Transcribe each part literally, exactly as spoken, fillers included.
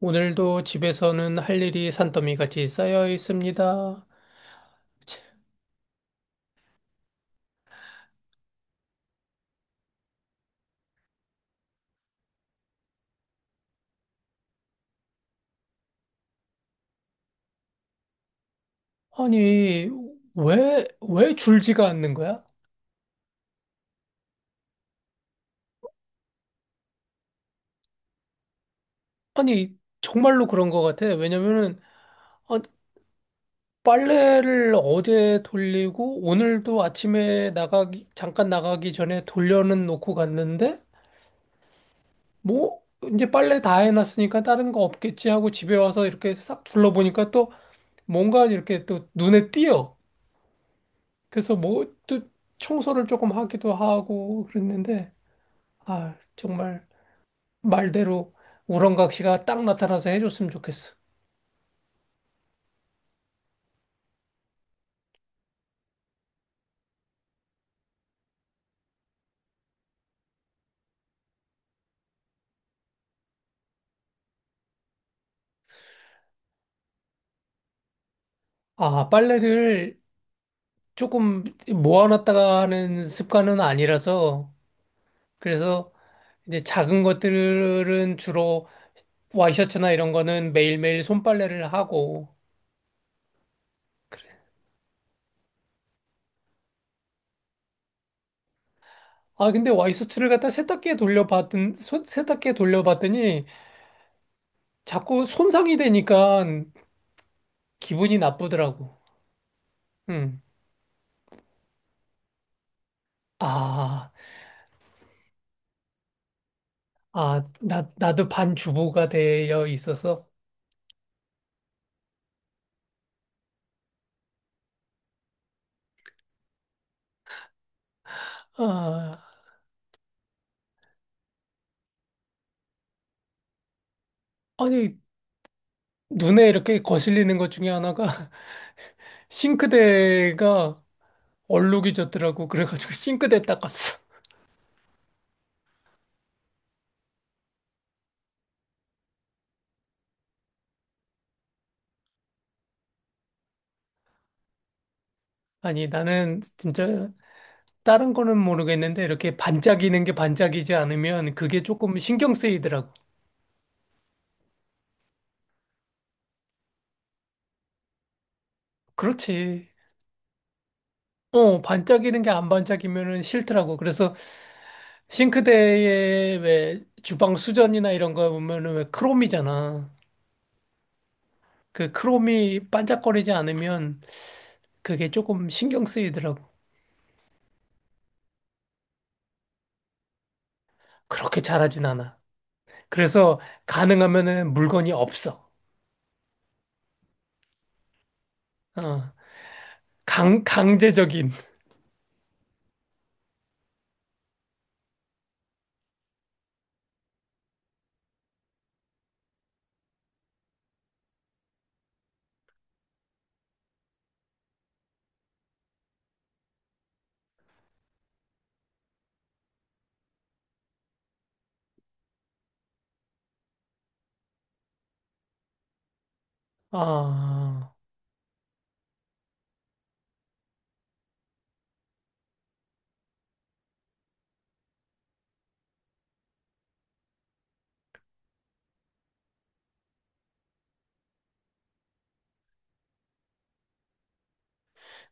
오늘도 집에서는 할 일이 산더미 같이 쌓여 있습니다. 치, 아니, 왜, 왜 줄지가 않는 거야? 아니, 정말로 그런 것 같아. 왜냐면은, 아, 빨래를 어제 돌리고, 오늘도 아침에 나가기, 잠깐 나가기 전에 돌려는 놓고 갔는데, 뭐, 이제 빨래 다 해놨으니까 다른 거 없겠지 하고 집에 와서 이렇게 싹 둘러보니까 또 뭔가 이렇게 또 눈에 띄어. 그래서 뭐 또 청소를 조금 하기도 하고 그랬는데 아 정말 말대로 우렁각시가 딱 나타나서 해줬으면 좋겠어. 아 빨래를 조금 모아놨다가 하는 습관은 아니라서 그래서 이제 작은 것들은 주로 와이셔츠나 이런 거는 매일매일 손빨래를 하고 그래. 아 근데 와이셔츠를 갖다 세탁기에 돌려봤던 손- 세탁기에 돌려봤더니 자꾸 손상이 되니까 기분이 나쁘더라고. 음. 아, 아, 나, 나도 반주부가 되어 있어서, 아, 아니, 눈에 이렇게 거슬리는 것 중에 하나가 싱크대가 얼룩이 졌더라고. 그래가지고 싱크대 닦았어. 아니, 나는 진짜 다른 거는 모르겠는데 이렇게 반짝이는 게 반짝이지 않으면 그게 조금 신경 쓰이더라고. 그렇지. 어, 반짝이는 게 안 반짝이면은 싫더라고. 그래서 싱크대에 왜 주방 수전이나 이런 거 보면은 왜 크롬이잖아. 그 크롬이 반짝거리지 않으면 그게 조금 신경 쓰이더라고. 그렇게 잘하진 않아. 그래서 가능하면은 물건이 없어. 어, 강, 강제적인. 아,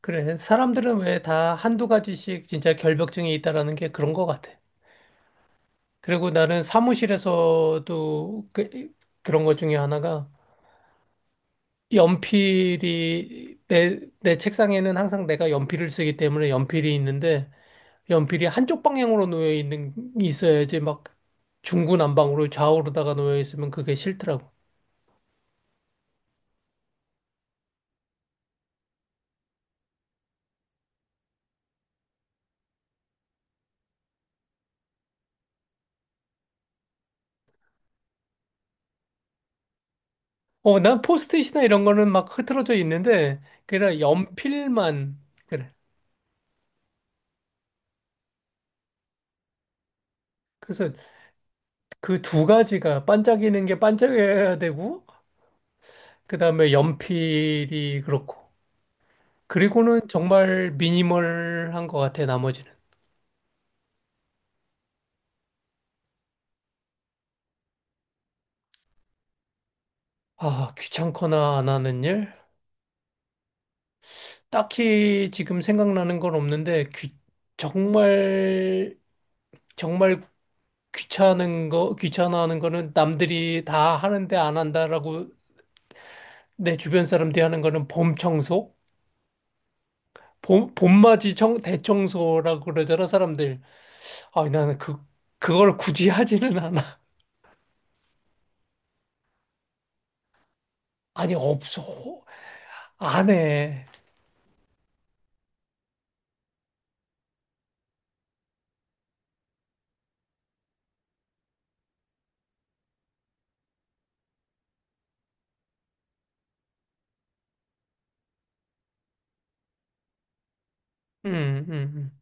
그래. 사람들은 왜 다 한두 가지씩 진짜 결벽증이 있다라는 게 그런 것 같아. 그리고 나는 사무실에서도 그, 그런 것 중에 하나가 연필이 내, 내 책상에는 항상 내가 연필을 쓰기 때문에 연필이 있는데 연필이 한쪽 방향으로 놓여 있는 있어야지 막 중구난방으로 좌우로다가 놓여 있으면 그게 싫더라고. 어, 난 포스트잇이나 이런 거는 막 흐트러져 있는데 그냥 연필만 그래. 그래서 그 두 가지가 반짝이는 게 반짝여야 되고 그다음에 연필이 그렇고 그리고는 정말 미니멀한 것 같아 나머지는. 아, 귀찮거나 안 하는 일? 딱히 지금 생각나는 건 없는데 귀, 정말 정말 귀찮은 거, 귀찮아하는 거는 남들이 다 하는데 안 한다라고 내 주변 사람들이 하는 거는 봄 청소? 봄, 봄맞이 청, 대청소라고 그러잖아, 사람들. 아, 나는 그, 그걸 굳이 하지는 않아. 아니, 없어. 안 해. 음, 음, 음.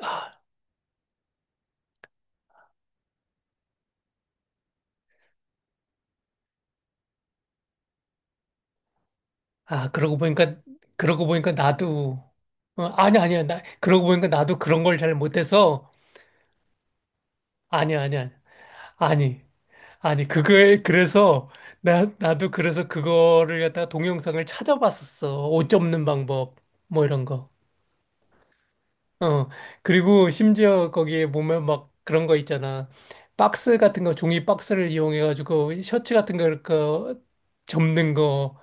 아, 아, 그러고 보니까, 그러고 보니까 나도, 어, 아니, 아니야. 나, 그러고 보니까 나도 그런 걸 잘 못해서, 아니야, 아니야. 아니. 아니, 그거에, 그래서, 나, 나도 그래서 그거를 갖다가 동영상을 찾아봤었어. 옷 접는 방법, 뭐 이런 거. 어. 그리고 심지어 거기에 보면 막 그런 거 있잖아. 박스 같은 거, 종이 박스를 이용해가지고 셔츠 같은 거, 이렇게 접는 거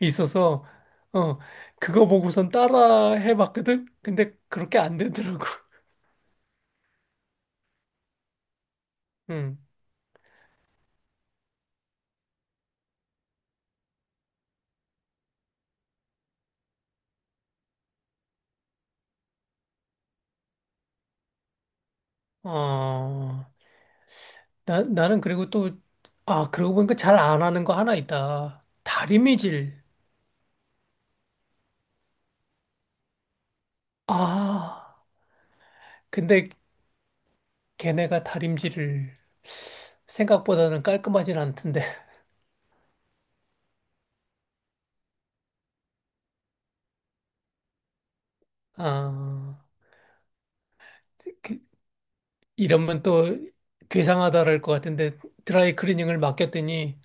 있어서, 어, 그거 보고선 따라 해봤거든? 근데 그렇게 안 되더라고. 응. 어. 나, 나는 그리고 또, 아, 그러고 보니까 잘 안 하는 거 하나 있다. 다림이질. 아, 근데 걔네가 다림질을 생각보다는 깔끔하진 않던데. 아, 그, 이러면 또 괴상하다랄 것 같은데 드라이 클리닝을 맡겼더니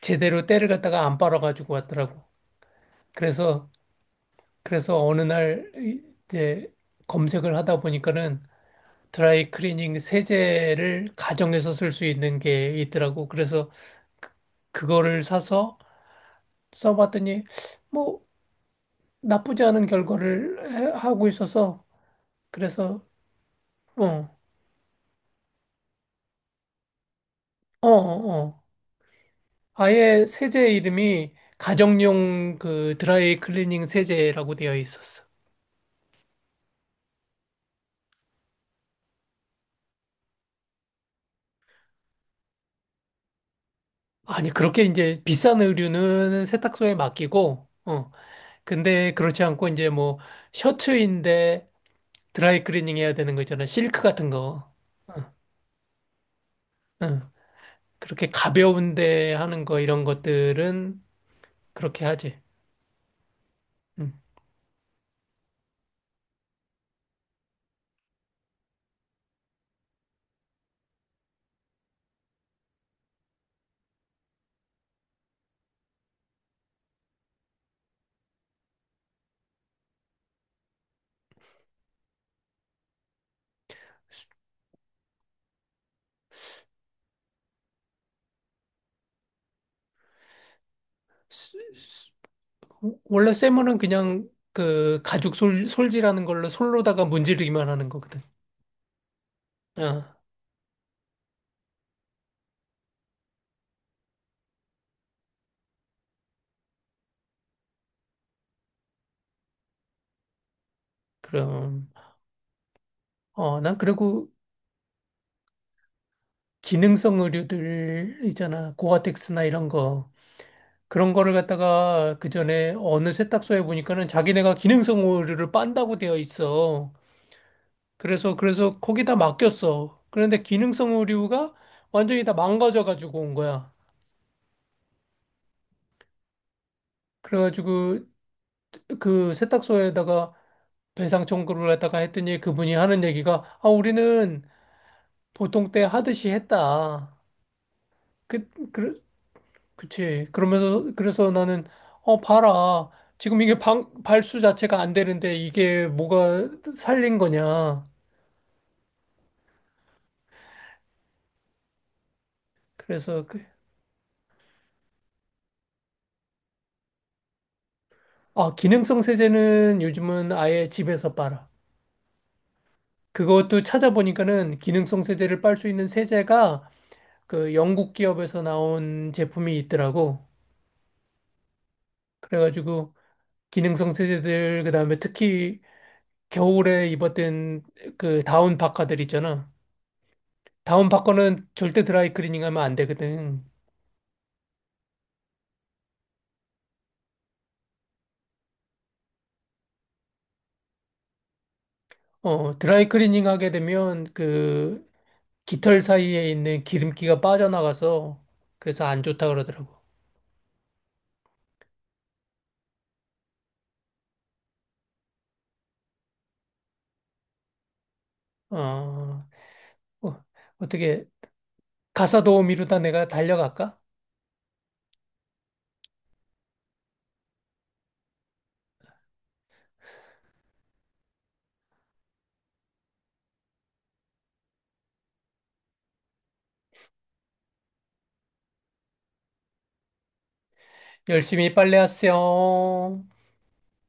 제대로 때를 갖다가 안 빨아가지고 왔더라고. 그래서, 그래서 어느 날 이제 검색을 하다 보니까는 드라이 클리닝 세제를 가정에서 쓸 수 있는 게 있더라고. 그래서 그거를 사서 써봤더니 뭐 나쁘지 않은 결과를 해- 하고 있어서 그래서 어, 어, 어. 어. 아예 세제 이름이 가정용 그 드라이 클리닝 세제라고 되어 있었어. 아니 그렇게 이제 비싼 의류는 세탁소에 맡기고 어. 근데 그렇지 않고 이제 뭐 셔츠인데 드라이 클리닝 해야 되는 거 있잖아. 실크 같은 거. 응. 그렇게 가벼운데 하는 거 이런 것들은 그렇게 하지. 응. 스- 스- 원래 쇠물은 그냥 그 가죽 솔, 솔지라는 걸로 솔로다가 문지르기만 하는 거거든. 아, 그럼. 어, 난 그리고 기능성 의류들 있잖아. 고아텍스나 이런 거. 그런 거를 갖다가 그 전에 어느 세탁소에 보니까는 자기네가 기능성 의류를 빤다고 되어 있어. 그래서, 그래서 거기다 맡겼어. 그런데 기능성 의류가 완전히 다 망가져가지고 온 거야. 그래가지고 그 세탁소에다가 배상 청구를 했다가 했더니 그분이 하는 얘기가 아 우리는 보통 때 하듯이 했다. 그, 그, 그치. 그러면서 그래서 나는 어 봐라. 지금 이게 방, 발수 자체가 안 되는데 이게 뭐가 살린 거냐. 그래서 그, 아 기능성 세제는 요즘은 아예 집에서 빨아. 그것도 찾아보니까는 기능성 세제를 빨 수 있는 세제가 그 영국 기업에서 나온 제품이 있더라고. 그래가지고 기능성 세제들 그다음에 특히 겨울에 입었던 그 다운 파카들 있잖아. 다운 파카는 절대 드라이 클리닝 하면 안 되거든. 어, 드라이 클리닝 하게 되면 그 깃털 사이에 있는 기름기가 빠져나가서 그래서 안 좋다 그러더라고. 어, 어, 어떻게 가사 도우미로다 내가 달려갈까? 열심히 빨래하세요.